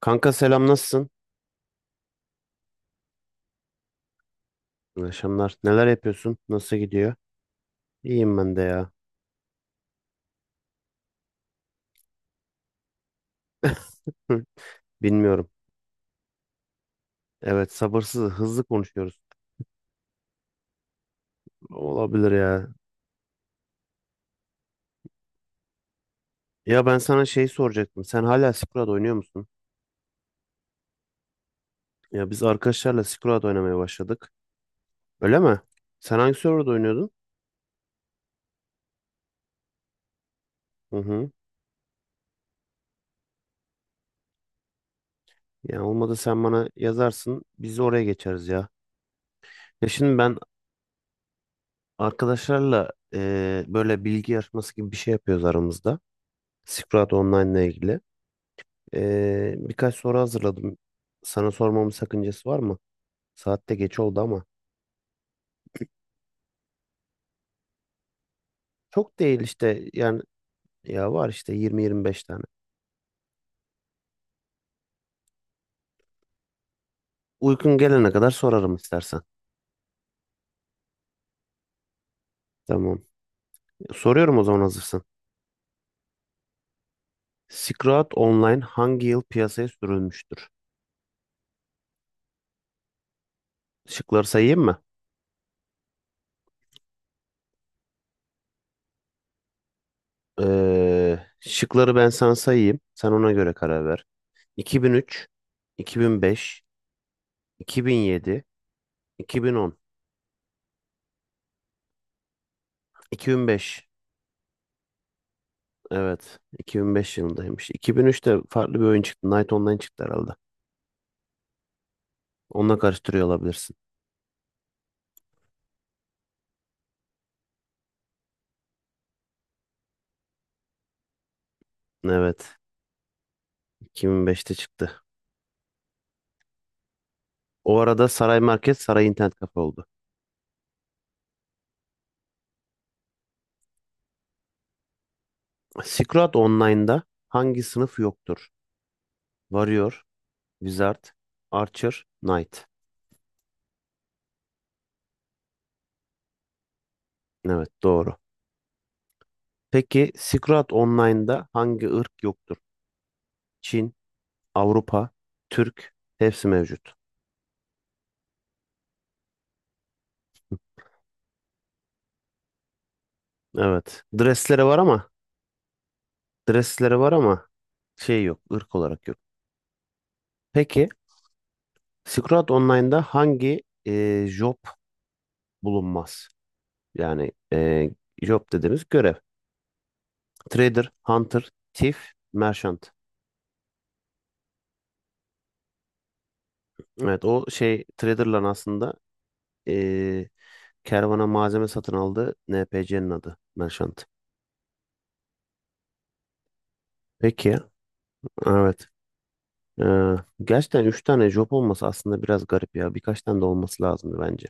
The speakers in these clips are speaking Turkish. Kanka selam nasılsın? İyi akşamlar. Neler yapıyorsun? Nasıl gidiyor? İyiyim ben de ya. Hı, bilmiyorum. Evet sabırsız hızlı konuşuyoruz. Olabilir ya. Ya ben sana şey soracaktım. Sen hala Skrull oynuyor musun? Ya biz arkadaşlarla Skrull oynamaya başladık. Öyle mi? Sen hangi serverda oynuyordun? Hı hı. Ya olmadı sen bana yazarsın. Biz de oraya geçeriz ya. Ya şimdi ben arkadaşlarla böyle bilgi yarışması gibi bir şey yapıyoruz aramızda. Skrull Online ile ilgili. Birkaç soru hazırladım. Sana sormamın sakıncası var mı? Saatte geç oldu ama. Çok değil işte yani ya var işte 20-25 tane. Uykun gelene kadar sorarım istersen. Tamam. Soruyorum o zaman hazırsın. Silk Online hangi yıl piyasaya sürülmüştür? Şıkları sayayım mı? Şıkları ben sana sayayım. Sen ona göre karar ver. 2003, 2005, 2007, 2010, 2005. Evet. 2005 yılındaymış. 2003'te farklı bir oyun çıktı. Night Online çıktı herhalde. Onunla karıştırıyor olabilirsin. Evet. 2005'te çıktı. O arada Saray Market Saray İnternet Kafe oldu. Silk Online'da hangi sınıf yoktur? Warrior, Wizard, Archer, Knight. Evet doğru. Peki Silk Online'da hangi ırk yoktur? Çin, Avrupa, Türk hepsi mevcut. Evet. Dresleri var ama dresleri var ama şey yok, ırk olarak yok. Peki Scroll Online'da hangi job bulunmaz? Yani job dediğimiz görev. Trader, Hunter, Thief, Merchant. Evet o şey Trader'la aslında e, kervana malzeme satın aldığı NPC'nin adı Merchant. Peki evet. E, Gerçekten üç tane job olması aslında biraz garip ya. Birkaç tane de olması lazımdı bence.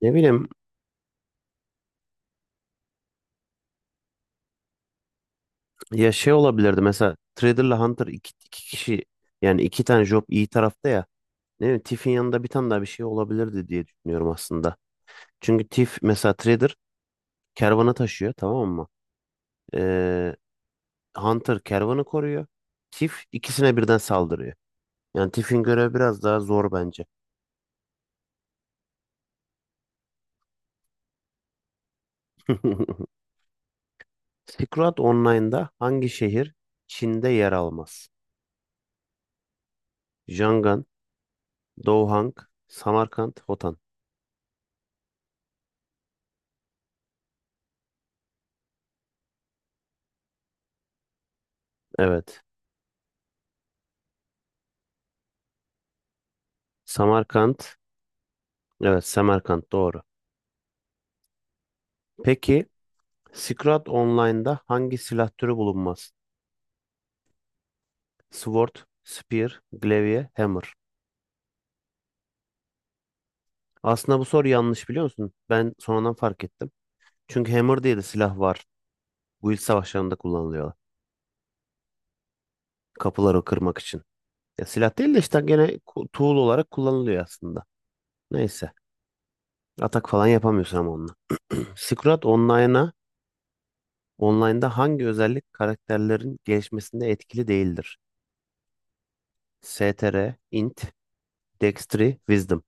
Ne bileyim ya şey olabilirdi mesela Trader'la Hunter iki, iki kişi yani iki tane job iyi tarafta ya. Evet, TIF'in yanında bir tane daha bir şey olabilirdi diye düşünüyorum aslında. Çünkü TIF mesela trader kervanı taşıyor tamam mı? Ee, Hunter kervanı koruyor. TIF ikisine birden saldırıyor. Yani TIF'in görevi biraz daha zor bence. Silk Online'da hangi şehir Çin'de yer almaz? Yangon, Douhang, Samarkand, Hotan. Evet. Samarkand. Evet, Samarkand doğru. Peki Silk Online'da hangi silah türü bulunmaz? Sword, Spear, Glaive, Hammer. Aslında bu soru yanlış biliyor musun? Ben sonradan fark ettim. Çünkü Hammer diye de silah var. Guild savaşlarında kullanılıyor. Kapıları kırmak için. Ya silah değil de işte gene tool olarak kullanılıyor aslında. Neyse. Atak falan yapamıyorsun ama onunla. Silk Online'da hangi özellik karakterlerin gelişmesinde etkili değildir? STR, Int, Dextry, Wisdom.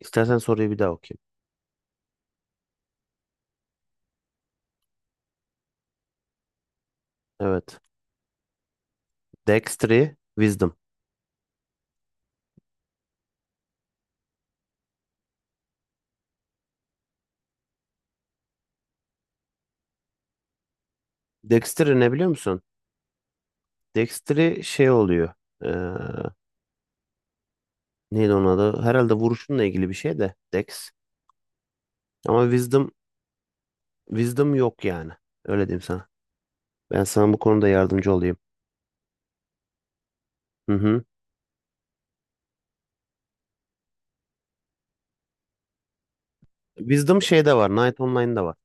İstersen soruyu bir daha okuyayım. Evet. Dextry, Wisdom. Dextry ne biliyor musun? Dexter'i şey oluyor. Eee Neydi onun adı? Herhalde vuruşunla ilgili bir şey de Dex. Ama Wisdom yok yani. Öyle diyeyim sana. Ben sana bu konuda yardımcı olayım. Hı hı. Wisdom şeyde var. Knight Online'da var.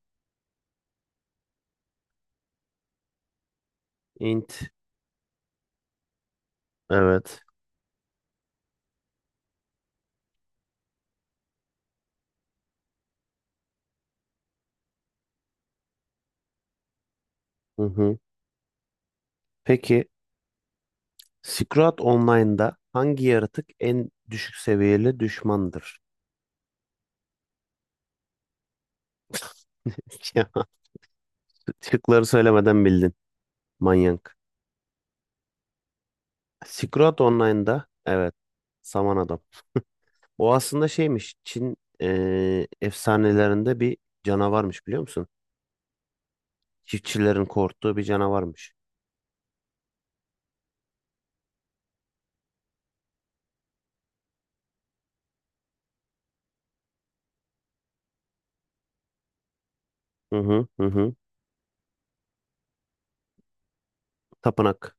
Int. Evet. Hı hı. Peki Scroat Online'da hangi yaratık en düşük seviyeli düşmandır? Ya, şıkları söylemeden bildin. Manyak. Scroat Online'da evet. Saman adam. O aslında şeymiş. Çin efsanelerinde bir canavarmış biliyor musun? Çiftçilerin korktuğu bir canavarmış. Hı hı hı hı. Tapınak.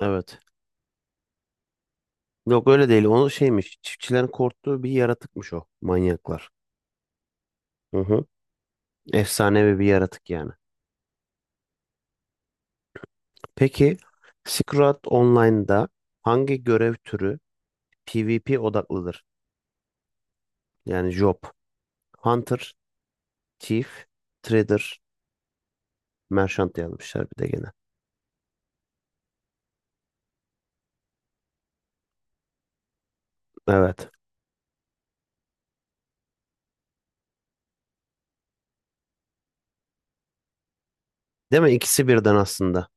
Evet. Yok öyle değil. O şeymiş. Çiftçilerin korktuğu bir yaratıkmış o. Manyaklar. Hı hı. Efsanevi bir yaratık yani. Peki Secret Online'da hangi görev türü PvP odaklıdır? Yani job. Hunter, Thief, Trader, Merchant yazmışlar bir de gene. Evet. Değil mi? İkisi birden aslında.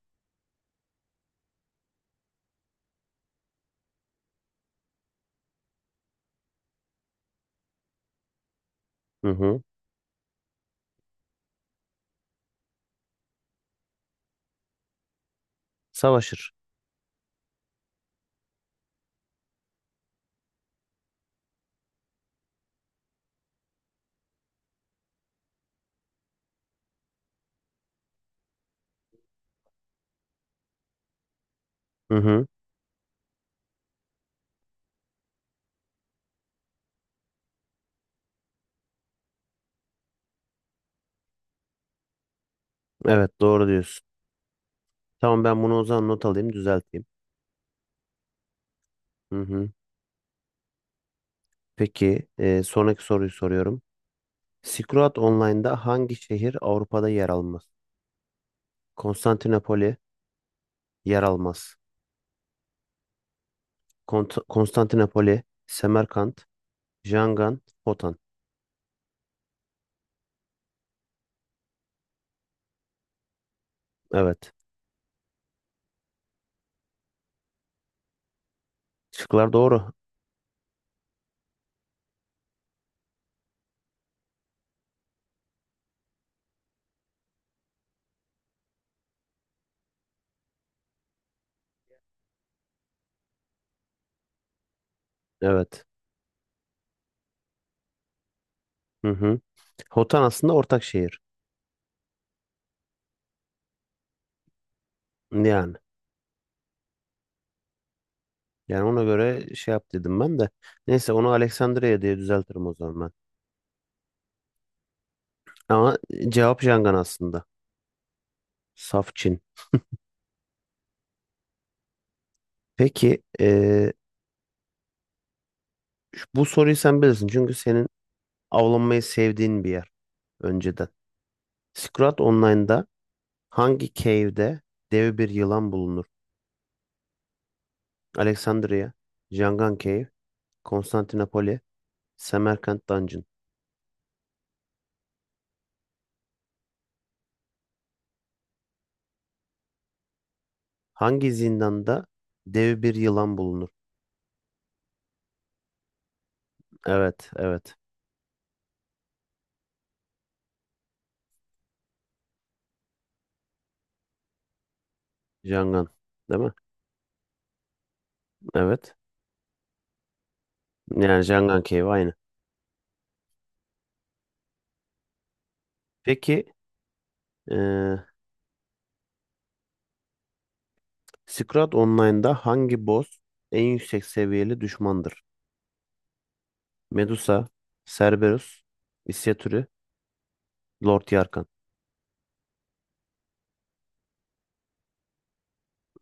Hı hı. Savaşır. Hı hı. Evet doğru diyorsun. Tamam ben bunu o zaman not alayım düzelteyim. Hı hı. Peki sonraki soruyu soruyorum. Silk Online'da hangi şehir Avrupa'da yer almaz? Konstantinopoli yer almaz. Konstantinopoli, Semerkant, Jangan, Hotan. Evet. Şıklar doğru. Evet. Hı hı. Hotan aslında ortak şehir. Yani. Yani ona göre şey yap dedim ben de. Neyse onu Aleksandria diye düzeltirim o zaman ben. Ama cevap Jangan aslında. Saf Çin. Peki bu soruyu sen bilirsin çünkü senin avlanmayı sevdiğin bir yer önceden. Scrat Online'da hangi cave'de dev bir yılan bulunur? Alexandria, Jangan Cave, Konstantinopoli, Semerkant Dungeon. Hangi zindanda dev bir yılan bulunur? Evet, evet. Jangan, değil mi? Evet. Yani Jangan Cave aynı. Peki eee Scrat Online'da hangi boss en yüksek seviyeli düşmandır? Medusa, Cerberus, İsya Lord Yarkan.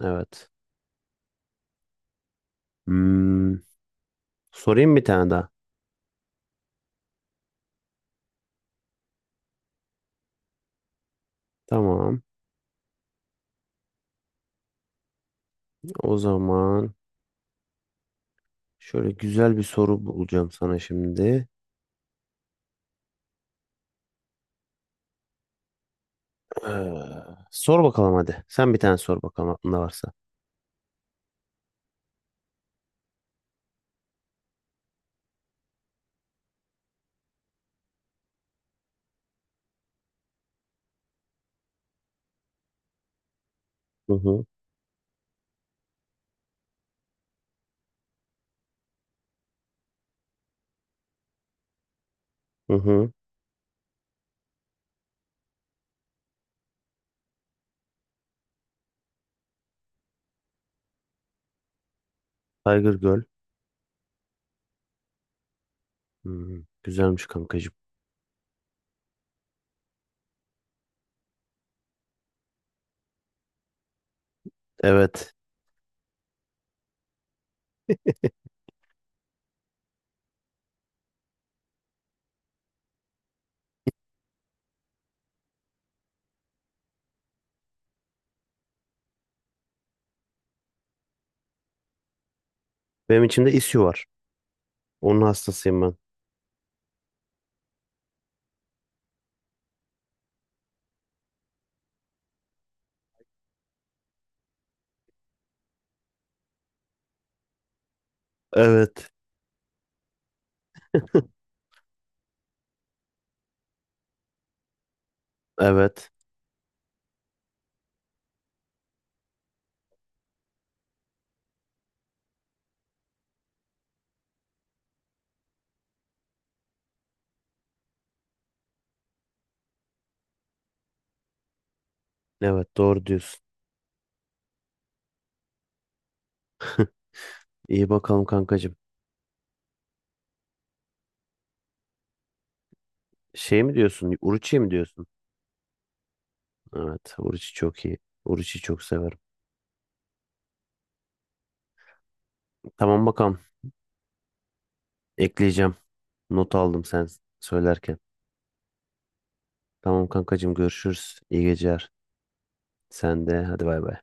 Evet. Hmm, Sorayım bir tane daha. Tamam. O zaman şöyle güzel bir soru bulacağım sana şimdi. Ee, Sor bakalım hadi. Sen bir tane sor bakalım aklında varsa. Hı hı. Hı hı. Tiger Girl. Güzelmiş kankacığım. Evet. Benim içimde İsyu var. Onun hastasıyım ben. Evet. Evet. Evet doğru diyorsun. İyi bakalım kankacığım. Şey mi diyorsun? Uruçi mi diyorsun? Evet. Oruç'u çok iyi. Oruç'u çok severim. Tamam bakalım. Ekleyeceğim. Not aldım sen söylerken. Tamam kankacığım görüşürüz. İyi geceler. Sen de hadi bay bay.